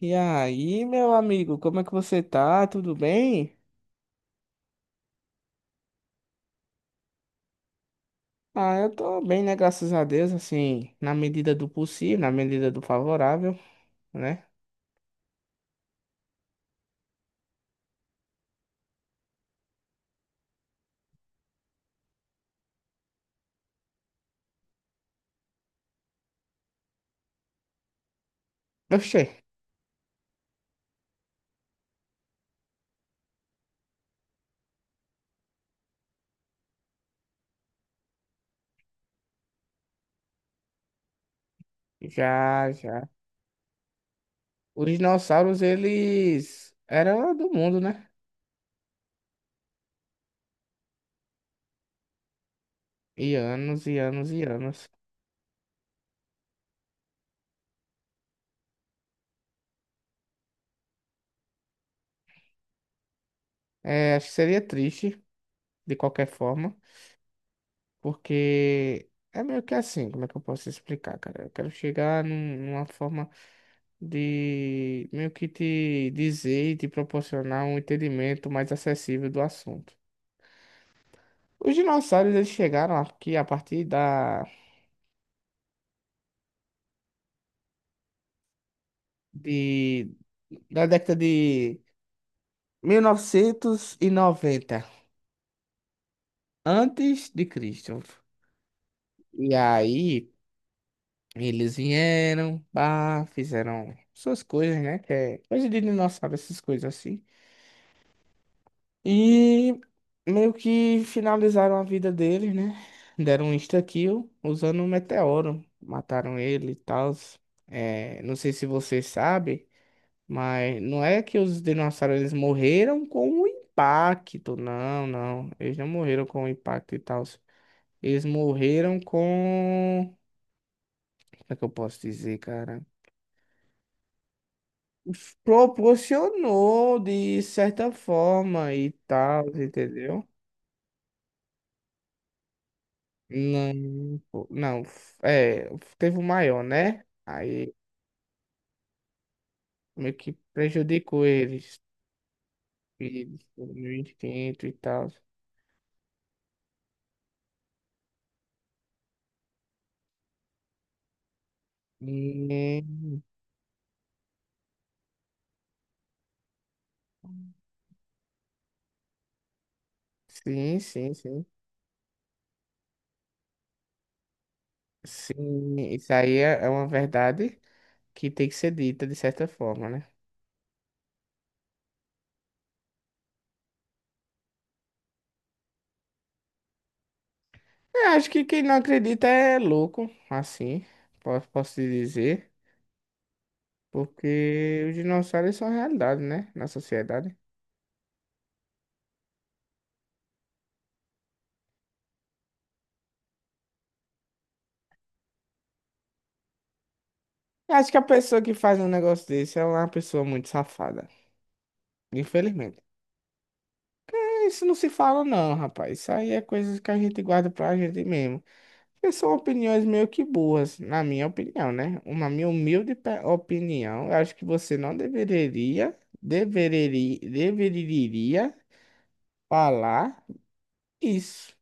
E aí, meu amigo, como é que você tá? Tudo bem? Eu tô bem, né? Graças a Deus, assim, na medida do possível, na medida do favorável, né? Oxê, já, já. Os dinossauros, eles eram do mundo, né? E anos, e anos, e anos. É, acho que seria triste, de qualquer forma, porque é meio que assim, como é que eu posso explicar, cara? Eu quero chegar numa forma de meio que te dizer e te proporcionar um entendimento mais acessível do assunto. Os dinossauros eles chegaram aqui a partir de, da década de 1990 antes de Cristo. E aí eles vieram, pá, fizeram suas coisas, né? Que é coisa de dinossauro, essas coisas assim. E meio que finalizaram a vida dele, né? Deram um insta-kill usando um meteoro. Mataram ele e tal. É, não sei se você sabe, mas não é que os dinossauros eles morreram com o impacto. Não, não. Eles não morreram com o impacto e tal. Eles morreram com. Como é que eu posso dizer, cara? Proporcionou de certa forma e tal, entendeu? Não, pô, não, é, teve o maior, né? Aí meio que prejudicou eles, e 1.500 e tal. Hum. Sim, sim, sim. Sim, isso aí é uma verdade que tem que ser dita de certa forma, né? Eu acho que quem não acredita é louco, assim, posso te dizer, porque os dinossauros são realidade, né? Na sociedade. Eu acho que a pessoa que faz um negócio desse é uma pessoa muito safada. Infelizmente. É, isso não se fala, não, rapaz. Isso aí é coisas que a gente guarda pra gente mesmo. Porque são opiniões meio que burras, na minha opinião, né? Uma minha humilde opinião. Eu acho que você não deveria falar isso.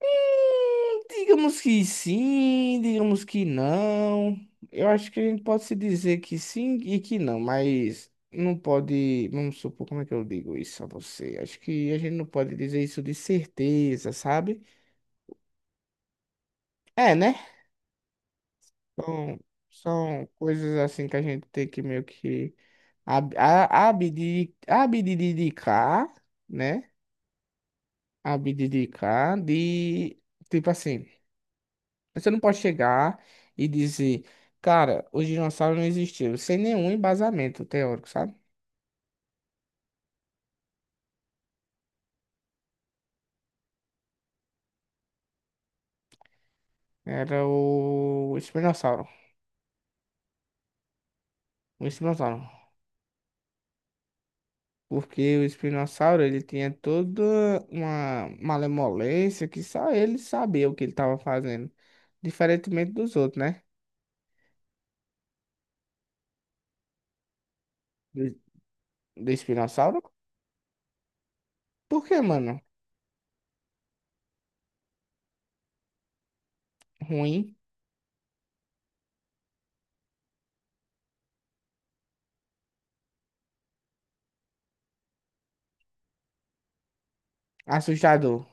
Hum. Digamos que sim, digamos que não. Eu acho que a gente pode se dizer que sim e que não, mas não pode. Vamos supor, como é que eu digo isso a você? Acho que a gente não pode dizer isso de certeza, sabe? É, né? São, são coisas assim que a gente tem que meio que abdicar, né? Abdicar de. Tipo assim. Você não pode chegar e dizer, cara, os dinossauros não existiam, sem nenhum embasamento teórico, sabe? Era o espinossauro. O espinossauro. Porque o espinossauro, ele tinha toda uma malemolência que só ele sabia o que ele estava fazendo. Diferentemente dos outros, né? Do, do espinossauro. Por que, mano? Ruim, assustador.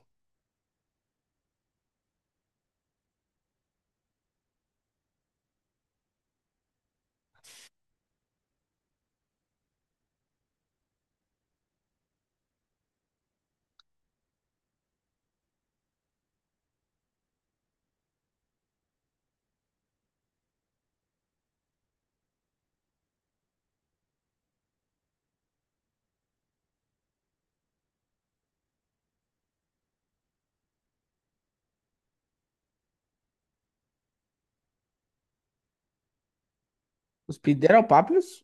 Os pideropápios,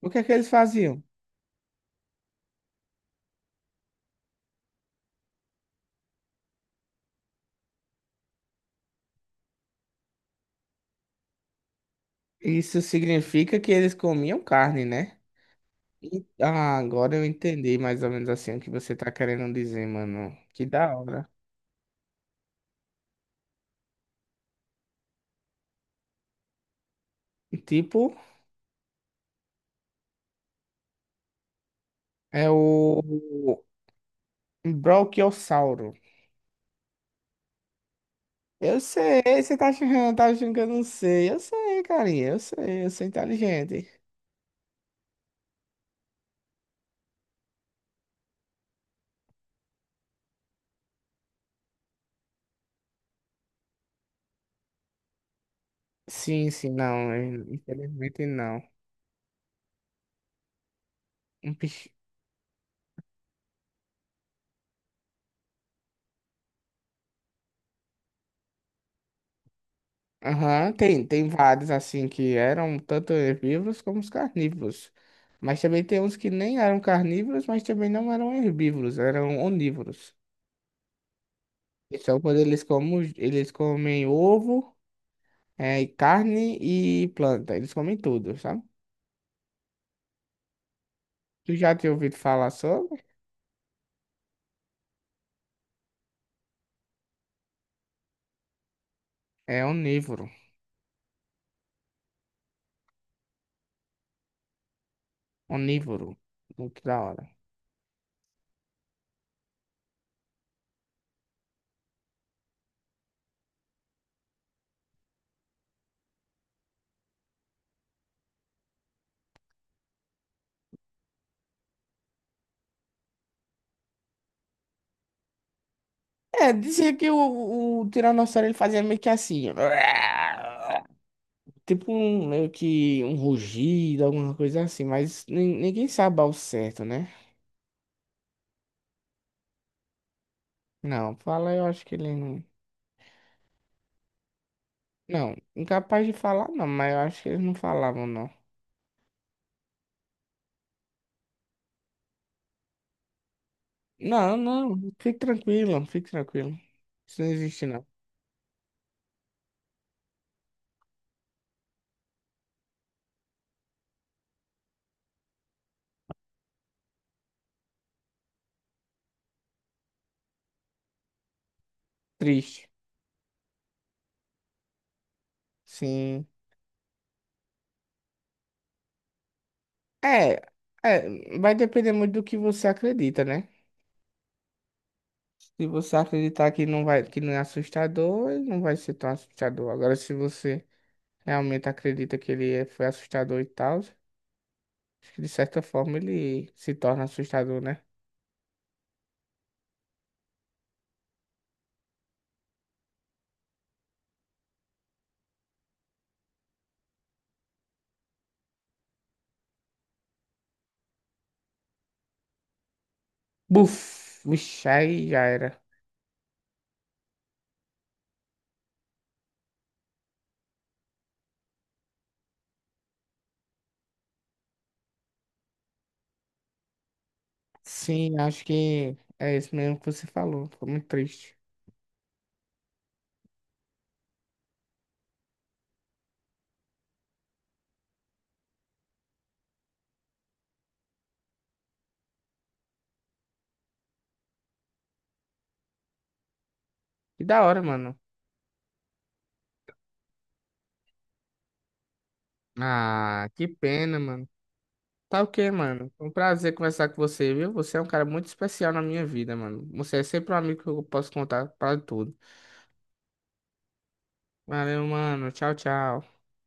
o que é que eles faziam? Isso significa que eles comiam carne, né? Agora eu entendi mais ou menos assim o que você tá querendo dizer, mano. Que da hora. Tipo, é o Brachiosauro. Eu sei, você tá achando que eu não sei. Eu sei, carinha, eu sei, eu sou inteligente. Sim, sim, não, infelizmente não. Um bicho. Aham, tem, tem vários assim que eram tanto herbívoros como os carnívoros. Mas também tem uns que nem eram carnívoros, mas também não eram herbívoros, eram onívoros. Só quando eles comem ovo, é, e carne e planta. Eles comem tudo, sabe? Tu já tinha ouvido falar sobre? É onívoro. Onívoro. Muito da hora. É, dizia que o tiranossauro ele fazia meio que assim. Tipo um, meio que um rugido, alguma coisa assim. Mas ninguém sabe ao certo, né? Não, fala eu acho que ele não. Não, incapaz de falar não, mas eu acho que eles não falavam não. Não, não, fique tranquilo. Isso não existe, não. Triste. Sim. É, é, vai depender muito do que você acredita, né? Se você acreditar que não vai, que não é assustador, ele não vai ser tão assustador. Agora, se você realmente acredita que foi assustador e tal, acho que de certa forma ele se torna assustador, né? Buf! Vixe, aí já era. Sim, acho que é isso mesmo que você falou. Ficou muito triste. Que da hora, mano. Ah, que pena, mano. Tá o quê, mano? Foi um prazer conversar com você, viu? Você é um cara muito especial na minha vida, mano. Você é sempre um amigo que eu posso contar pra tudo. Valeu, mano. Tchau, tchau.